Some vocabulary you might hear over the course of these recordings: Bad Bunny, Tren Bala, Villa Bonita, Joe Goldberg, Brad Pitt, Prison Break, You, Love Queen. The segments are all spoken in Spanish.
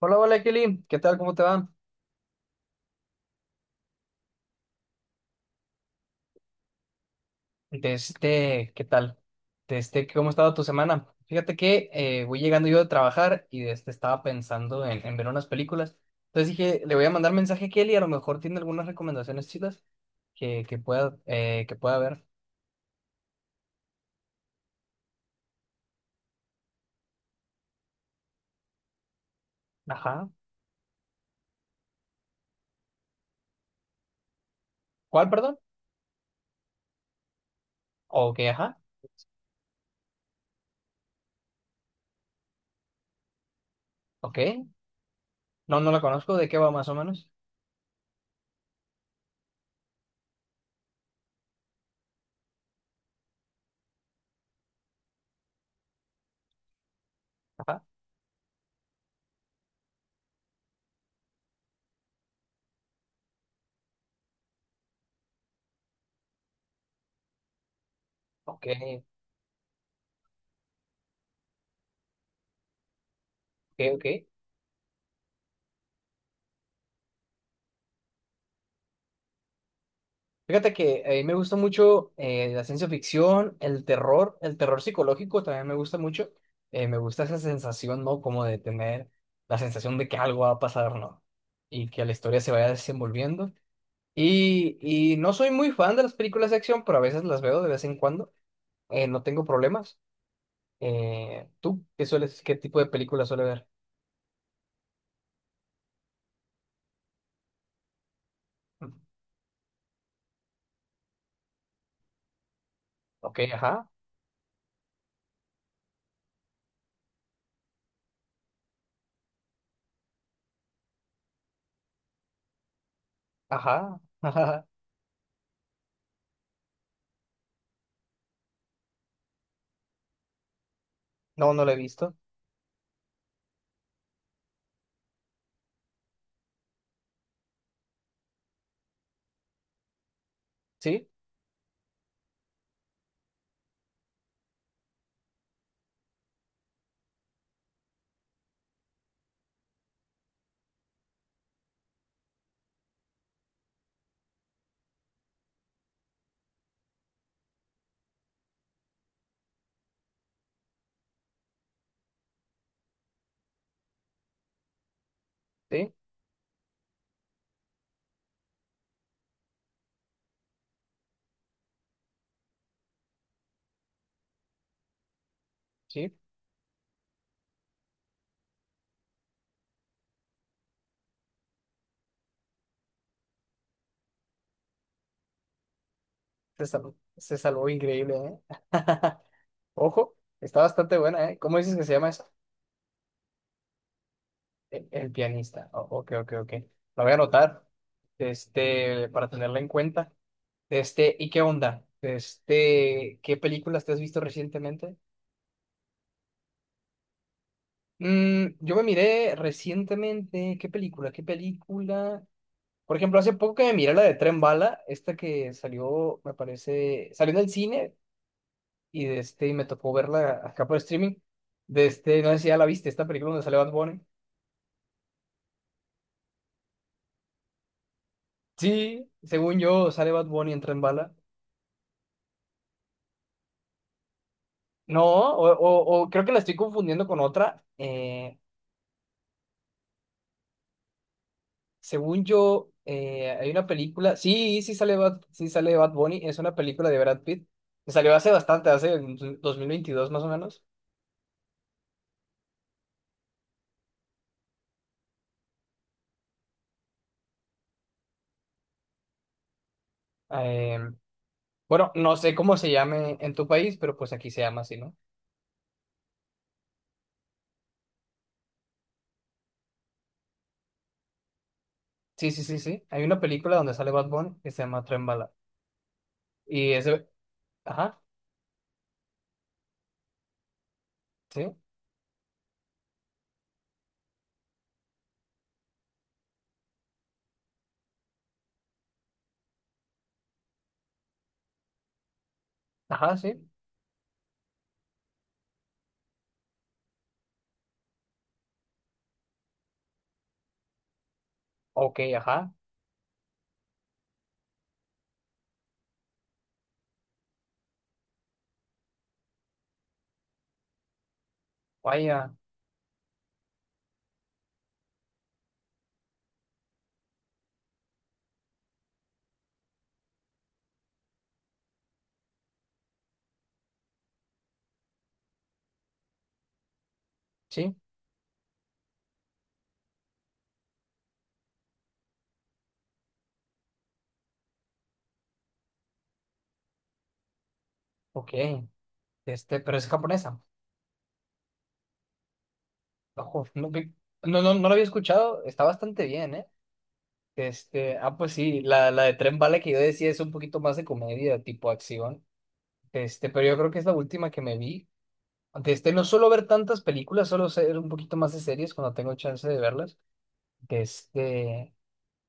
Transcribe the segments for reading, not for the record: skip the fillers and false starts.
Hola, hola Kelly, ¿qué tal? ¿Cómo te va? ¿Qué tal? ¿Cómo ha estado tu semana? Fíjate que voy llegando yo de trabajar y de este estaba pensando en ver unas películas. Entonces dije, le voy a mandar mensaje a Kelly, a lo mejor tiene algunas recomendaciones chidas que pueda, que pueda ver. Ajá. ¿Cuál, perdón? Ok, ajá. Ok. No, no la conozco. ¿De qué va más o menos? Ajá. Ok, ok, ok. Fíjate que a mí me gusta mucho la ciencia ficción, el terror psicológico también me gusta mucho. Me gusta esa sensación, ¿no? Como de tener la sensación de que algo va a pasar, ¿no? Y que la historia se vaya desenvolviendo. Y no soy muy fan de las películas de acción, pero a veces las veo de vez en cuando. No tengo problemas. ¿Tú qué sueles, qué tipo de películas suele ver? Ok, ajá, ajá, ajá. No, no lo he visto. Sí, sí, sí. Se salvó increíble, ¿eh? Ojo, está bastante buena, ¿eh? ¿Cómo dices que se llama eso? El pianista. Ok, ok, ok. La voy a anotar, este, para tenerla en cuenta. Este, ¿y qué onda? Este, ¿qué películas te has visto recientemente? Mm, yo me miré recientemente, ¿qué película? ¿Qué película? Por ejemplo, hace poco que me miré la de Tren Bala, esta que salió, me parece, salió en el cine, y de este, y me tocó verla acá por streaming. De este, no sé si ya la viste, esta película donde sale Bad Bunny. Sí, según yo, sale Bad Bunny, entra en bala. No, o creo que la estoy confundiendo con otra. Según yo, hay una película. Sí, sí sale Bad Bunny. Es una película de Brad Pitt que salió hace bastante, hace en 2022 más o menos. Eh, bueno, no sé cómo se llame en tu país, pero pues aquí se llama así, ¿no? Sí, sí, sí, sí. Hay una película donde sale Bad Bunny que se llama Tren Bala. Y es, ajá, sí, ajá, sí. Ok, ajá. Vaya, sí, ok. Este, pero es japonesa. Ojo, no, no, no lo había escuchado. Está bastante bien, ¿eh? Este, ah, pues sí, la de Tren Bala que yo decía es un poquito más de comedia, tipo acción. Este, pero yo creo que es la última que me vi. Este, no suelo ver tantas películas, solo ser un poquito más de series cuando tengo chance de verlas. Este,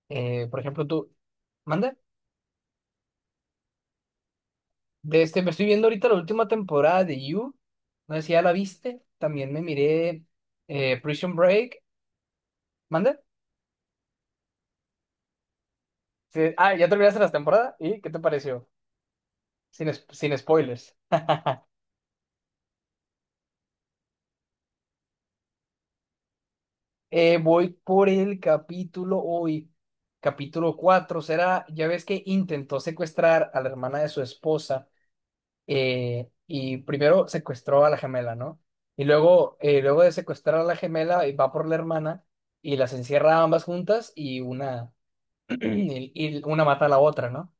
por ejemplo, tú, ¿mande? De este, me estoy viendo ahorita la última temporada de You. No sé si ya la viste. También me miré Prison Break. ¿Mande? Sí, ah, ya terminaste la temporada. ¿Y qué te pareció? Sin spoilers. Voy por el capítulo hoy. Capítulo 4 será, ya ves que intentó secuestrar a la hermana de su esposa. Y primero secuestró a la gemela, ¿no? Y luego, luego de secuestrar a la gemela, va por la hermana y las encierra a ambas juntas y una mata a la otra, ¿no?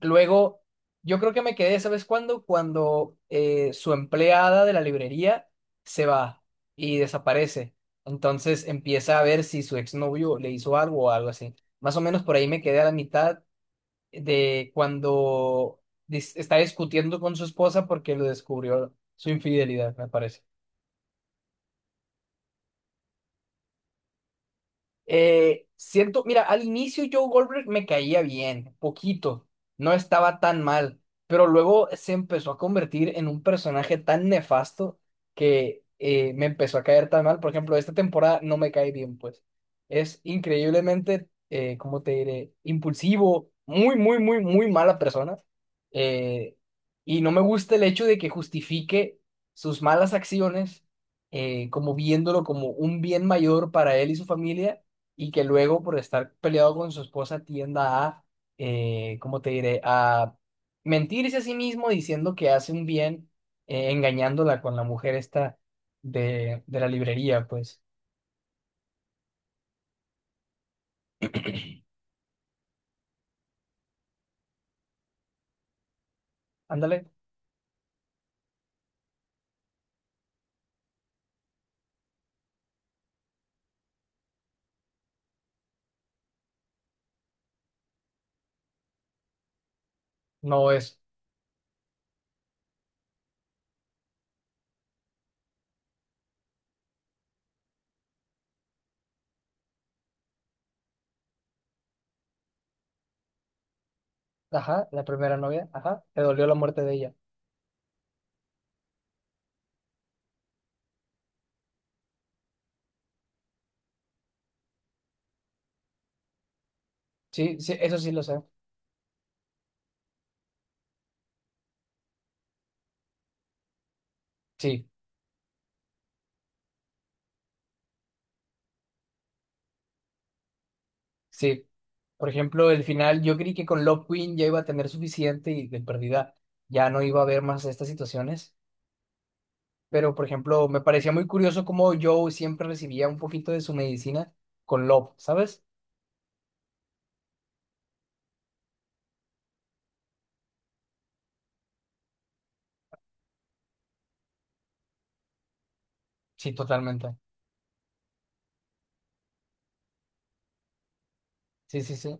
Luego, yo creo que me quedé, ¿sabes cuándo? Cuando su empleada de la librería se va y desaparece. Entonces empieza a ver si su exnovio le hizo algo o algo así. Más o menos por ahí me quedé a la mitad de cuando está discutiendo con su esposa porque lo descubrió su infidelidad, me parece. Siento, mira, al inicio Joe Goldberg me caía bien, poquito, no estaba tan mal, pero luego se empezó a convertir en un personaje tan nefasto que me empezó a caer tan mal. Por ejemplo, esta temporada no me cae bien, pues. Es increíblemente, ¿cómo te diré? Impulsivo, muy, muy, muy, muy mala persona. Eh, y no me gusta el hecho de que justifique sus malas acciones como viéndolo como un bien mayor para él y su familia y que luego por estar peleado con su esposa tienda a, ¿cómo te diré?, a mentirse a sí mismo diciendo que hace un bien, engañándola con la mujer esta de la librería, pues, ándale, no es, ajá, la primera novia, ajá, te dolió la muerte de ella. Sí, sí, eso sí lo sé, sí, sí. Por ejemplo, el final, yo creí que con Love Queen ya iba a tener suficiente y de perdida ya no iba a haber más estas situaciones. Pero, por ejemplo, me parecía muy curioso cómo Joe siempre recibía un poquito de su medicina con Love, ¿sabes? Sí, totalmente. Sí, sí, sí.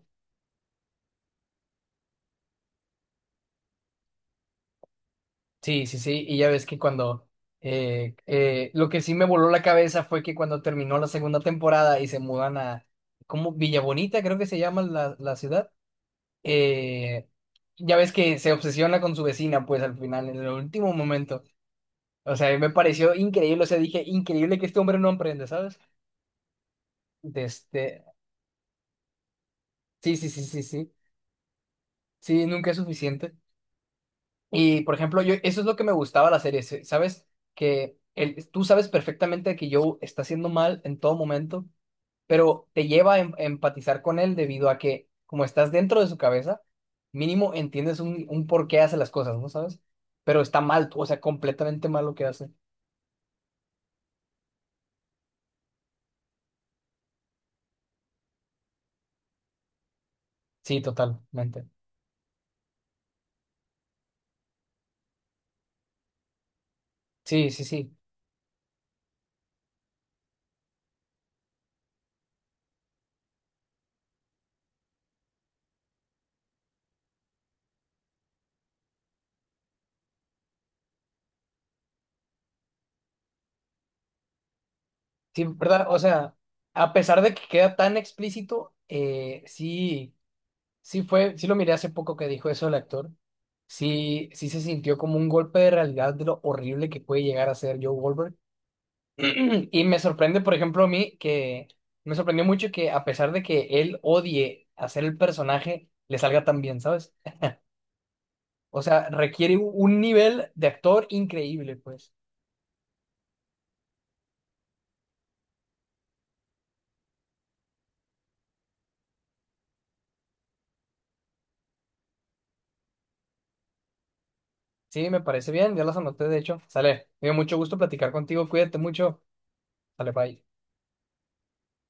Sí, sí, sí. Y ya ves que cuando... lo que sí me voló la cabeza fue que cuando terminó la segunda temporada y se mudan a... ¿Cómo? Villa Bonita, creo que se llama la ciudad. eh, ya ves que se obsesiona con su vecina, pues al final, en el último momento. O sea, me pareció increíble. O sea, dije, increíble que este hombre no aprende, ¿sabes? De este... Sí, sí, sí, sí, sí. Sí, nunca es suficiente. Y por ejemplo, yo eso es lo que me gustaba de la serie, ¿sabes? Que el, tú sabes perfectamente que Joe está haciendo mal en todo momento, pero te lleva a empatizar con él debido a que, como estás dentro de su cabeza, mínimo entiendes un por qué hace las cosas, ¿no sabes? Pero está mal, o sea, completamente mal lo que hace. Sí, totalmente. Sí, sí, sí. Sí, ¿verdad? O sea, a pesar de que queda tan explícito, sí. Sí lo miré hace poco que dijo eso el actor. Sí, sí se sintió como un golpe de realidad de lo horrible que puede llegar a ser Joe Goldberg. Y me sorprende, por ejemplo, a mí que me sorprendió mucho que a pesar de que él odie hacer el personaje, le salga tan bien, ¿sabes? O sea, requiere un nivel de actor increíble, pues. Sí, me parece bien, ya las anoté, de hecho. Sale, me dio mucho gusto platicar contigo, cuídate mucho. Sale, bye.